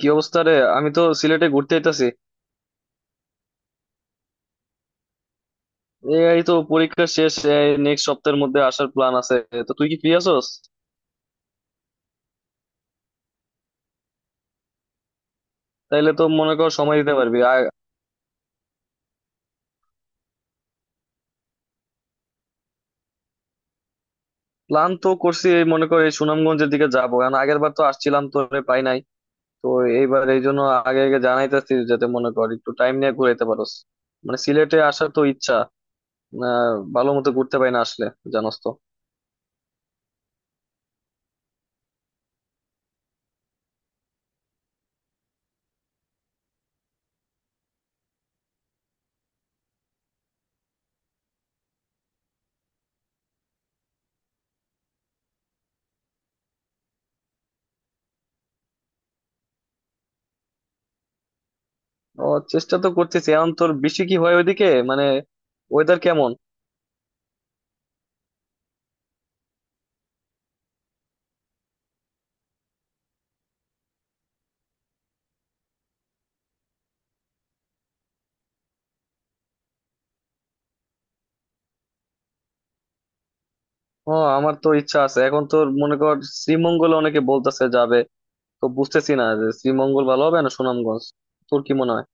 কি অবস্থা রে? আমি তো সিলেটে ঘুরতে আইতাছি। এই তো পরীক্ষা শেষ। নেক্সট সপ্তাহের মধ্যে আসার প্ল্যান আছে। তো তুই কি ফ্রি আছোস? তাইলে তো মনে কর সময় দিতে পারবি আর প্ল্যান তো করছি, এই মনে কর এই সুনামগঞ্জের দিকে যাবো। কারণ আগের বার তো আসছিলাম, তোরে পাই নাই। তো এইবার এই জন্য আগে আগে জানাইতেছি, যাতে মনে কর একটু টাইম নিয়ে ঘুরাইতে পারোস। মানে সিলেটে আসার তো ইচ্ছা, ভালো মতো ঘুরতে পাই না আসলে, জানোস তো। ও, চেষ্টা তো করতেছি। এখন তোর বৃষ্টি কি হয় ওইদিকে, মানে ওয়েদার কেমন? ও, আমার তো ইচ্ছা আছে এখন তো মনে কর শ্রীমঙ্গলে অনেকে বলতেছে যাবে। তো বুঝতেছি না যে শ্রীমঙ্গল ভালো হবে না সুনামগঞ্জ। তোর কি মনে হয়?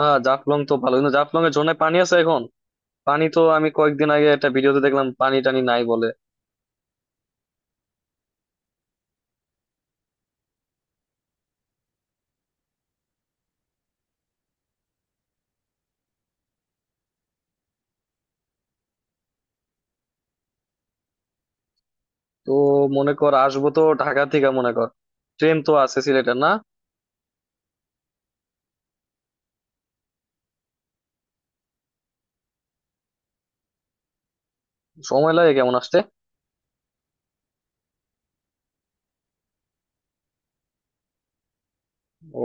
হ্যাঁ, জাফলং তো ভালো, কিন্তু জাফলং এর ঝর্ণায় পানি আছে এখন? পানি তো আমি কয়েকদিন আগে একটা ভিডিওতে দেখলাম, পানি টানি নাই বলে। তো মনে কর আসবো তো ঢাকা থেকে, মনে কর ট্রেন তো আছে সিলেটের, না? সময় লাগে কেমন আসতে?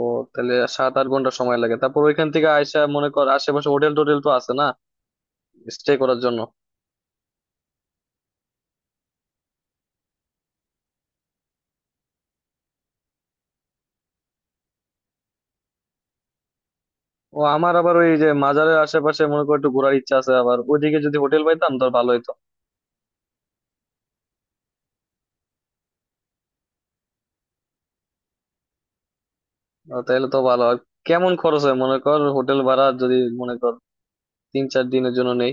ও, তাহলে 7-8 ঘন্টা সময় লাগে। তারপর ওইখান থেকে আইসা মনে কর আশেপাশে হোটেল টোটেল তো আছে না, স্টে করার জন্য? ও, আমার আবার ওই যে মাজারের আশেপাশে মনে করো একটু ঘোরার ইচ্ছা আছে। আবার ওইদিকে যদি হোটেল পাইতাম তো ভালো হইতো। তাহলে তো ভালো। আর কেমন খরচ হয় মনে কর, হোটেল ভাড়া যদি মনে কর 3-4 দিনের জন্য নেই?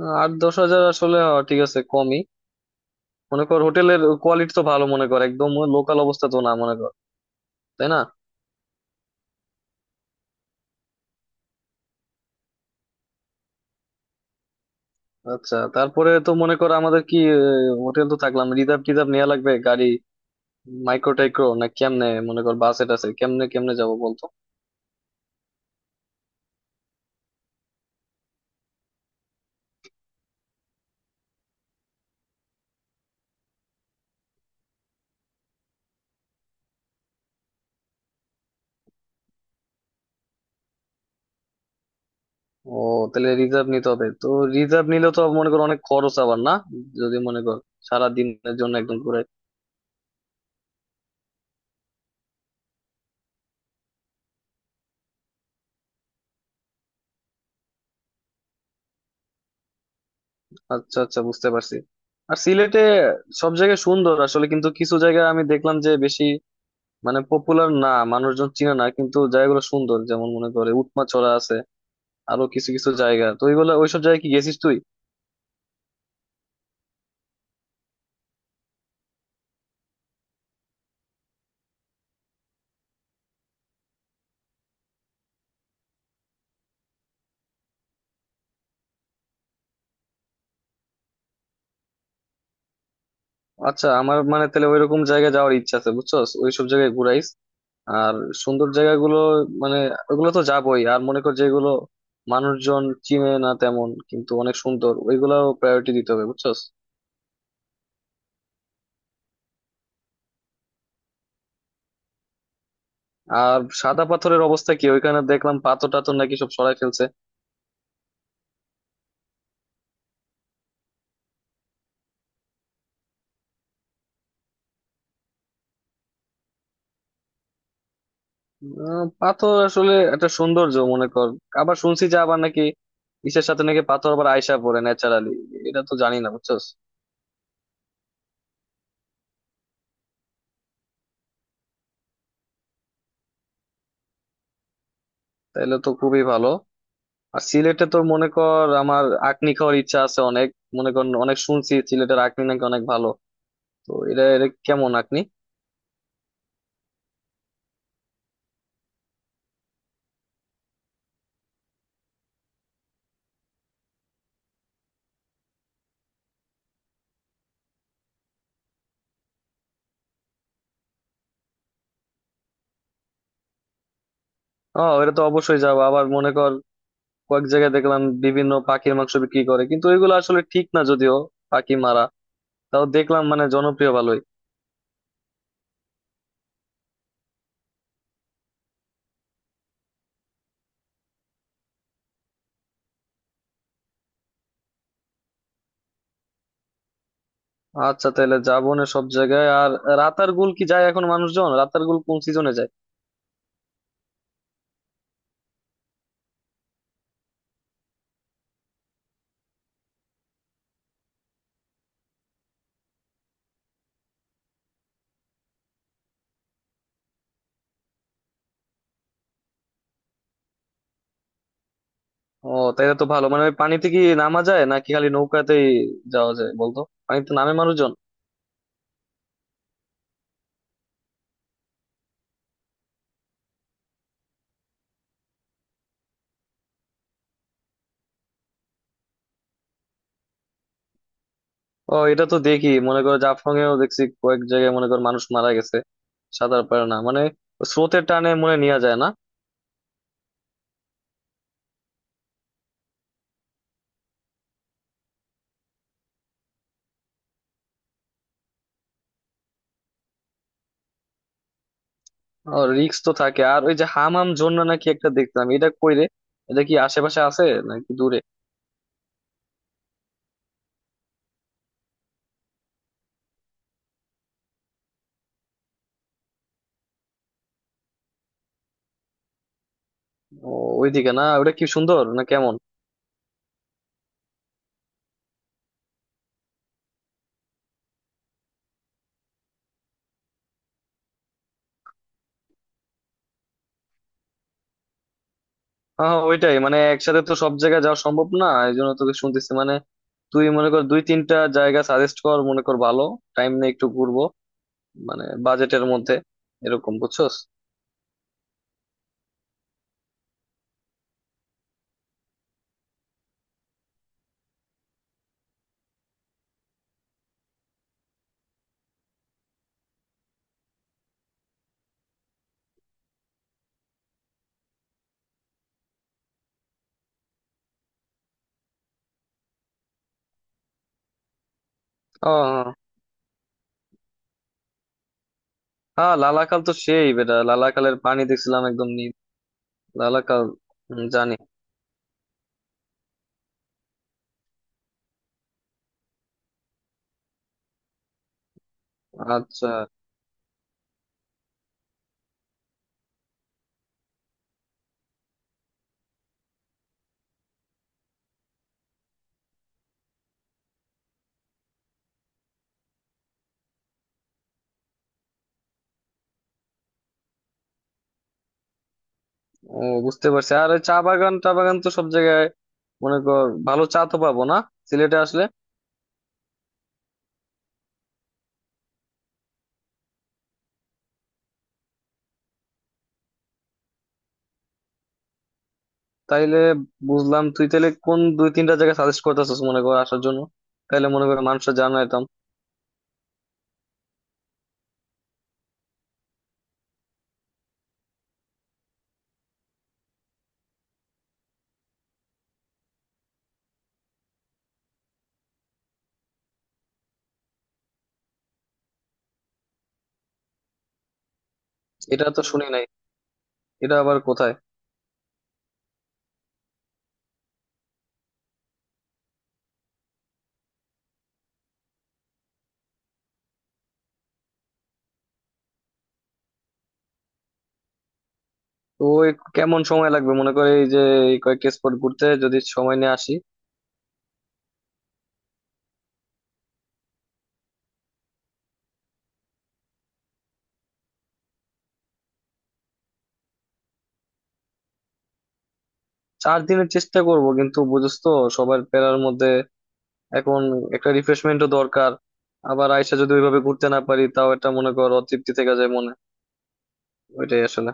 8-10 হাজার? আসলে ঠিক আছে, কমই। মনে কর হোটেলের কোয়ালিটি তো ভালো মনে কর, একদম লোকাল অবস্থা তো না মনে কর, তাই না? আচ্ছা, তারপরে তো মনে কর আমাদের কি হোটেল তো থাকলাম, রিজার্ভ টিজার্ভ নেওয়া লাগবে গাড়ি, মাইক্রো টাইক্রো, না? কেমনে মনে কর, বাসে টাসে কেমনে কেমনে যাবো বলতো? ও, তাহলে রিজার্ভ নিতে হবে তো। রিজার্ভ নিলে তো মনে করো অনেক খরচ আবার, না? যদি মনে কর সারা দিনের জন্য একদম ঘুরে। আচ্ছা আচ্ছা, বুঝতে পারছি। আর সিলেটে সব জায়গায় সুন্দর আসলে, কিন্তু কিছু জায়গায় আমি দেখলাম যে বেশি মানে পপুলার না, মানুষজন চিনে না, কিন্তু জায়গাগুলো সুন্দর। যেমন মনে করে উৎমাছড়া আছে, আরো কিছু কিছু জায়গা, তো ওইগুলো ওইসব জায়গায় কি গেছিস তুই? আচ্ছা, আমার মানে তাহলে ওইরকম জায়গায় যাওয়ার ইচ্ছা আছে, বুঝছস? ওইসব জায়গায় ঘুরাইস। আর সুন্দর জায়গাগুলো মানে ওগুলো তো যাবোই। আর মনে কর যেগুলো মানুষজন চিনে না তেমন, কিন্তু অনেক সুন্দর, ওইগুলাও প্রায়োরিটি দিতে হবে, বুঝছস? আর সাদা পাথরের অবস্থা কি? ওইখানে দেখলাম পাথর টাথর নাকি সব সরাই ফেলছে। পাথর আসলে একটা সৌন্দর্য, মনে কর। আবার শুনছি যে আবার নাকি ইসের সাথে নাকি পাথর আবার আইসা পড়ে ন্যাচারালি, এটা তো জানি না, বুঝছস? তাইলে তো খুবই ভালো। আর সিলেটে তো মনে কর আমার আঁকনি খাওয়ার ইচ্ছা আছে অনেক। মনে কর অনেক শুনছি সিলেটের আঁকনি নাকি অনেক ভালো। তো এটা এটা কেমন আপনি? ও, এটা তো অবশ্যই যাবো। আবার মনে কর কয়েক জায়গায় দেখলাম বিভিন্ন পাখির মাংস বিক্রি করে, কিন্তু এগুলো আসলে ঠিক না, যদিও পাখি মারা, তাও দেখলাম মানে জনপ্রিয় ভালোই। আচ্ছা, তাহলে যাবো না সব জায়গায়। আর রাতারগুল কি যায় এখন মানুষজন? রাতারগুল কোন সিজনে যায়? ও, তাহলে তো ভালো। মানে ওই পানিতে কি নামা যায়, নাকি খালি নৌকাতেই যাওয়া যায় বলতো? পানিতে নামে মানুষজন? ও, এটা তো দেখি মনে করো জাফলং এও দেখছি কয়েক জায়গায় মনে কর মানুষ মারা গেছে। সাঁতার পারে না মানে, স্রোতের টানে মনে নেওয়া যায় না। রিক্স তো থাকে। আর ওই যে হামাম জন্য নাকি একটা দেখতাম, এটা কই রে? এটা কি আশেপাশে আছে নাকি দূরে? ও, ওইদিকে না? ওটা কি সুন্দর না কেমন? হ্যাঁ হ্যাঁ, ওইটাই, মানে একসাথে তো সব জায়গায় যাওয়া সম্ভব না। এই জন্য তোকে শুনতেছি, মানে তুই মনে কর দুই তিনটা জায়গা সাজেস্ট কর মনে কর ভালো। টাইম নিয়ে একটু ঘুরবো, মানে বাজেটের মধ্যে, এরকম, বুঝছস? ও, হ্যাঁ হ্যাঁ। হ্যাঁ, লালাকাল তো সেই বেটা। লালাকালের পানি দেখছিলাম একদম নীল, লালাকাল। হুম, জানি। আচ্ছা। ও, বুঝতে পারছি। আর ওই চা বাগান টা বাগান তো সব জায়গায় মনে কর ভালো চা তো পাবো না সিলেটে আসলে? তাইলে বুঝলাম, তুই তাহলে কোন দুই তিনটা জায়গা সাজেস্ট করতেছিস মনে কর আসার জন্য? তাইলে মনে কর মানুষরা জানাইতাম। এটা তো শুনি নাই, এটা আবার কোথায়? তো ওই কেমন সময় লাগবে মনে কর এই যে এই কয়েকটা স্পট ঘুরতে, যদি সময় নিয়ে আসি? চার দিনের চেষ্টা করব, কিন্তু বুঝছ তো, সবার প্যারার মধ্যে এখন একটা রিফ্রেশমেন্টও দরকার। আবার আইসা যদি ওইভাবে ঘুরতে না পারি, তাও একটা মনে কর অতৃপ্তি থেকে যায় মনে, ওইটাই আসলে।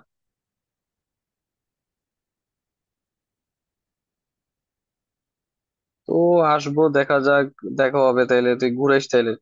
তো আসবো, দেখা যাক। দেখা হবে তাইলে। তুই ঘুরে আইস তাইলে।